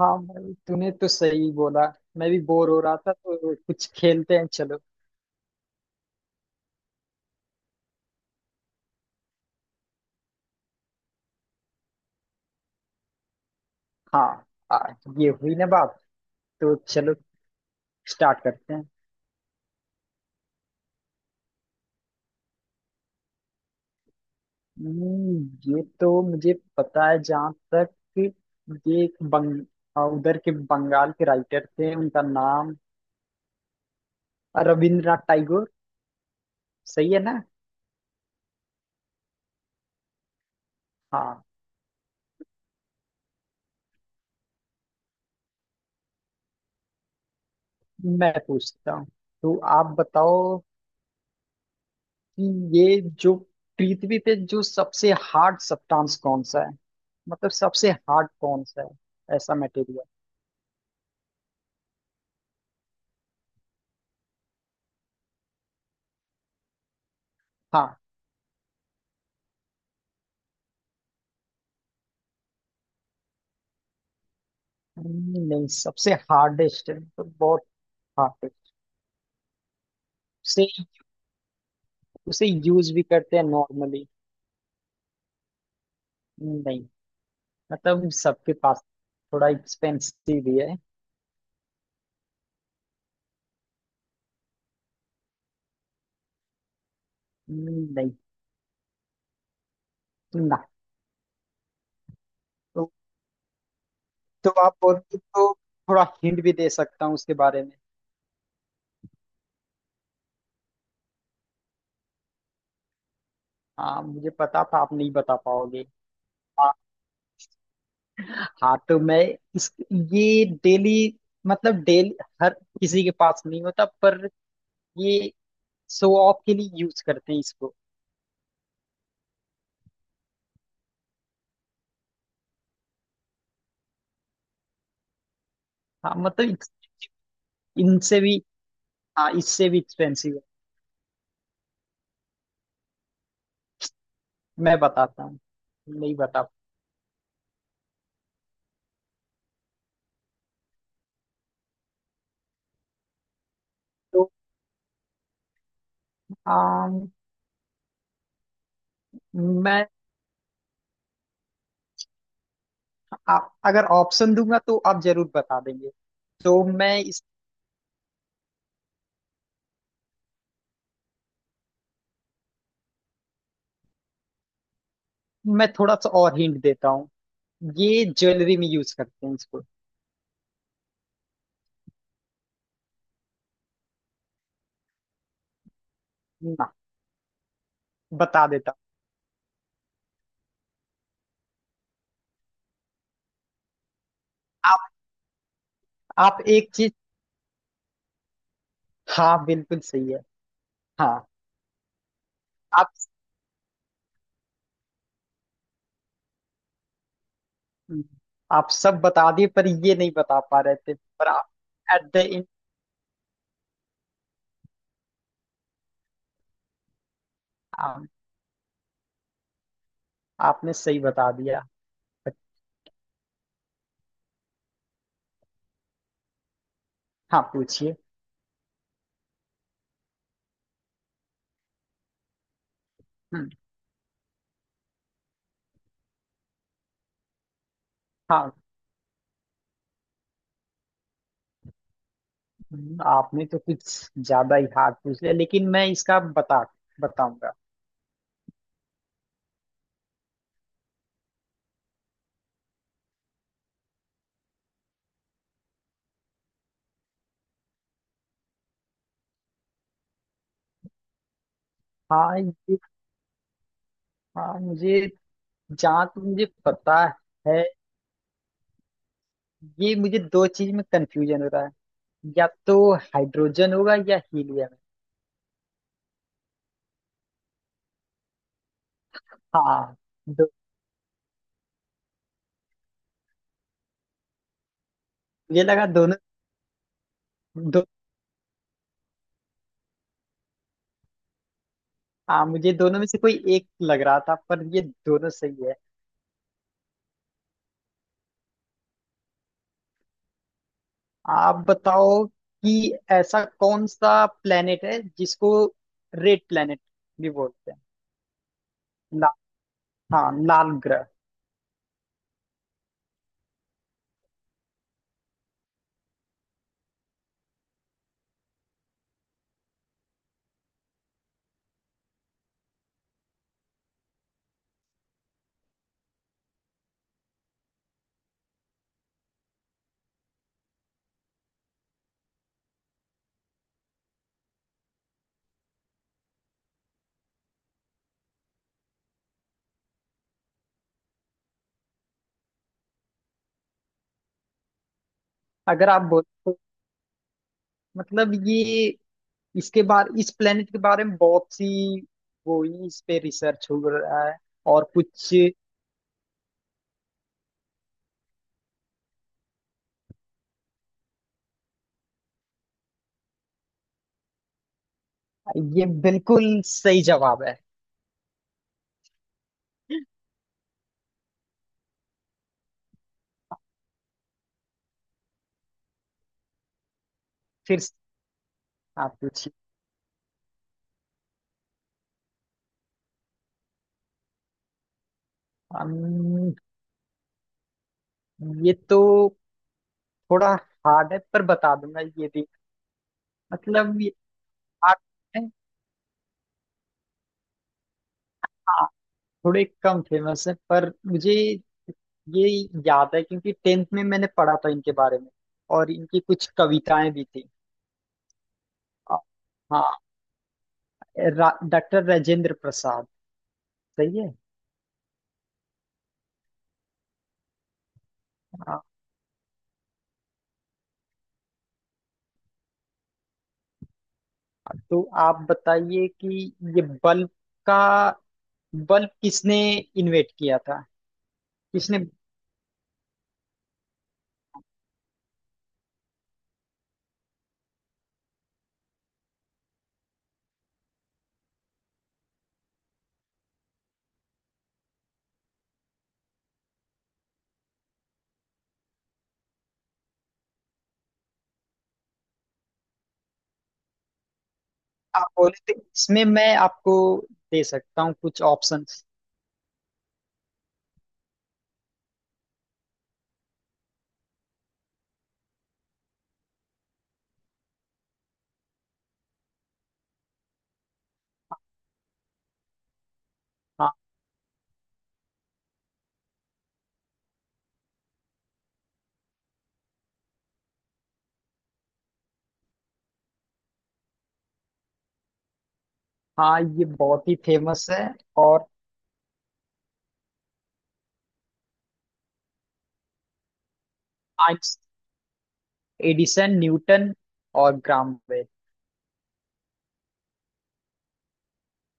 हाँ भाई तूने तो सही बोला। मैं भी बोर हो रहा था तो कुछ खेलते हैं चलो। हाँ। आ, ये हुई ना बात। तो चलो स्टार्ट करते हैं। ये तो मुझे पता है जहाँ तक कि ये एक उधर के बंगाल के राइटर थे उनका नाम रविंद्रनाथ टैगोर। सही है ना। हाँ। मैं पूछता हूँ तो आप बताओ कि ये जो पृथ्वी पे जो सबसे हार्ड सब्सटेंस कौन सा है। मतलब सबसे हार्ड कौन सा है ऐसा मटेरियल। हाँ। नहीं सबसे हार्डेस्ट है मतलब बहुत हार्ड है। उसे उसे यूज भी करते हैं नॉर्मली। नहीं मतलब सबके पास थोड़ा एक्सपेंसिव भी है। नहीं। ना। तो, तो आप बोलते तो थोड़ा हिंट भी दे सकता हूँ उसके बारे में। हाँ मुझे पता था आप नहीं बता पाओगे। हाँ तो मैं इस ये डेली मतलब डेली हर किसी के पास नहीं होता पर ये शो ऑफ के लिए यूज करते हैं इसको। हाँ मतलब इनसे भी। हाँ इससे भी एक्सपेंसिव है। मैं बताता हूँ। नहीं बता तो आम, मैं आ, अगर ऑप्शन दूंगा तो आप जरूर बता देंगे। तो मैं इस मैं थोड़ा सा और हिंट देता हूँ। ये ज्वेलरी में यूज करते हैं इसको। ना। बता देता हूँ आप। आप एक चीज हाँ बिल्कुल सही है। हाँ आप। हम्म, आप सब बता दिए पर ये नहीं बता पा रहे थे पर आप एट द एंड आपने सही बता दिया। बट- हाँ पूछिए। हम्म। हाँ। आपने तो कुछ ज्यादा ही हार्ड पूछ लिया लेकिन मैं इसका बताऊंगा। हाँ ये। हाँ मुझे जहाँ तक मुझे पता है ये मुझे दो चीज में कंफ्यूजन हो रहा है। या तो हाइड्रोजन होगा या हीलियम। हाँ दो, मुझे लगा दोनों। दो हाँ मुझे दोनों में से कोई एक लग रहा था पर ये दोनों सही है। आप बताओ कि ऐसा कौन सा प्लेनेट है जिसको रेड प्लेनेट भी बोलते हैं। ला, हाँ लाल ग्रह। अगर आप बोलते मतलब ये इसके बारे इस प्लेनेट के बारे में बहुत सी इस पे रिसर्च हो रहा है और कुछ। ये बिल्कुल सही जवाब है। फिर से। आप पूछिए। अम्म, ये तो थोड़ा हार्ड है पर बता दूंगा ये भी। मतलब ये hard है। थोड़े कम फेमस है पर मुझे ये याद है क्योंकि टेंथ में मैंने पढ़ा था इनके बारे में और इनकी कुछ कविताएं भी थी। आ, हाँ डॉक्टर राजेंद्र प्रसाद। सही है। आ, तो आप बताइए कि ये बल्ब का बल्ब किसने इन्वेंट किया था। किसने। आप बोले थे इसमें मैं आपको दे सकता हूँ कुछ ऑप्शंस। हाँ। हाँ ये बहुत ही फेमस है और आइंस एडिसन न्यूटन और ग्राम।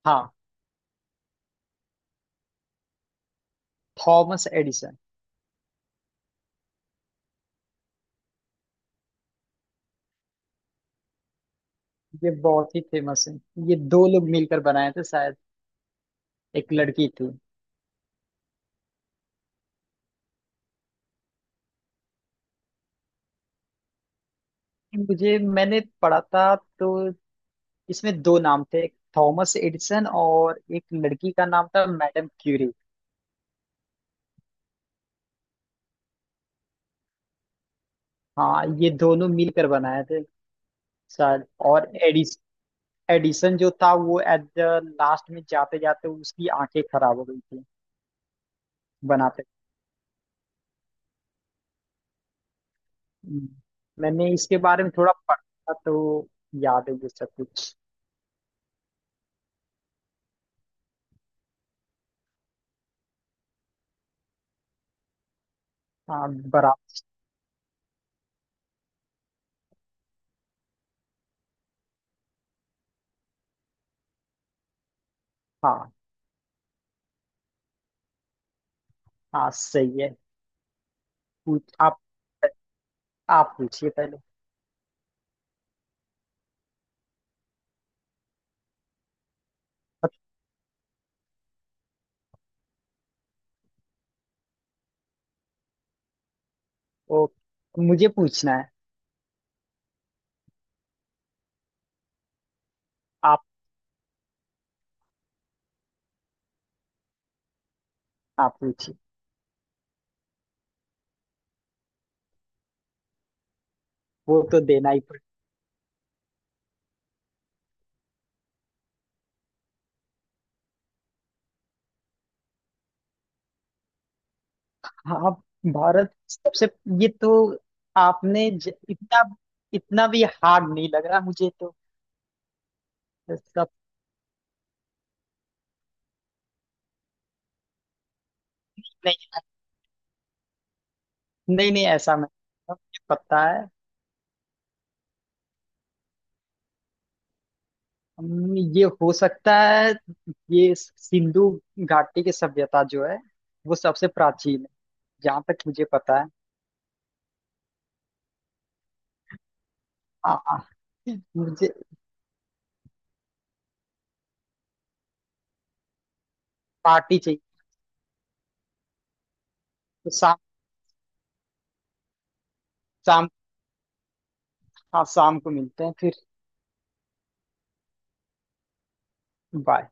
हाँ थॉमस एडिसन। ये बहुत ही फेमस है। ये दो लोग मिलकर बनाए थे शायद। एक लड़की थी। मुझे मैंने पढ़ा था तो इसमें दो नाम थे एक थॉमस एडिसन और एक लड़की का नाम था मैडम क्यूरी। हाँ ये दोनों मिलकर बनाए थे शायद और एडिसन जो था वो एट द लास्ट में जाते जाते उसकी आंखें खराब हो गई थी। बनाते हम्म। मैंने इसके बारे में थोड़ा पढ़ा था, तो याद है ये सब कुछ। हाँ बराबर। हाँ, हाँ सही है। पूछ आप। आप पूछिए पहले। वो मुझे पूछना है। आप आप पूछिए। वो तो देना ही पड़ेगा। आप भारत सबसे ये तो आपने इतना इतना भी हार्ड नहीं लग रहा मुझे तो। सब। नहीं नहीं नहीं ऐसा मैं मुझे पता है। ये हो सकता है। ये सिंधु घाटी की सभ्यता जो है वो सबसे प्राचीन है जहाँ तक मुझे पता है। हाँ हाँ। मुझे पार्टी चाहिए। तो सा, हाँ शाम को मिलते हैं फिर। बाय।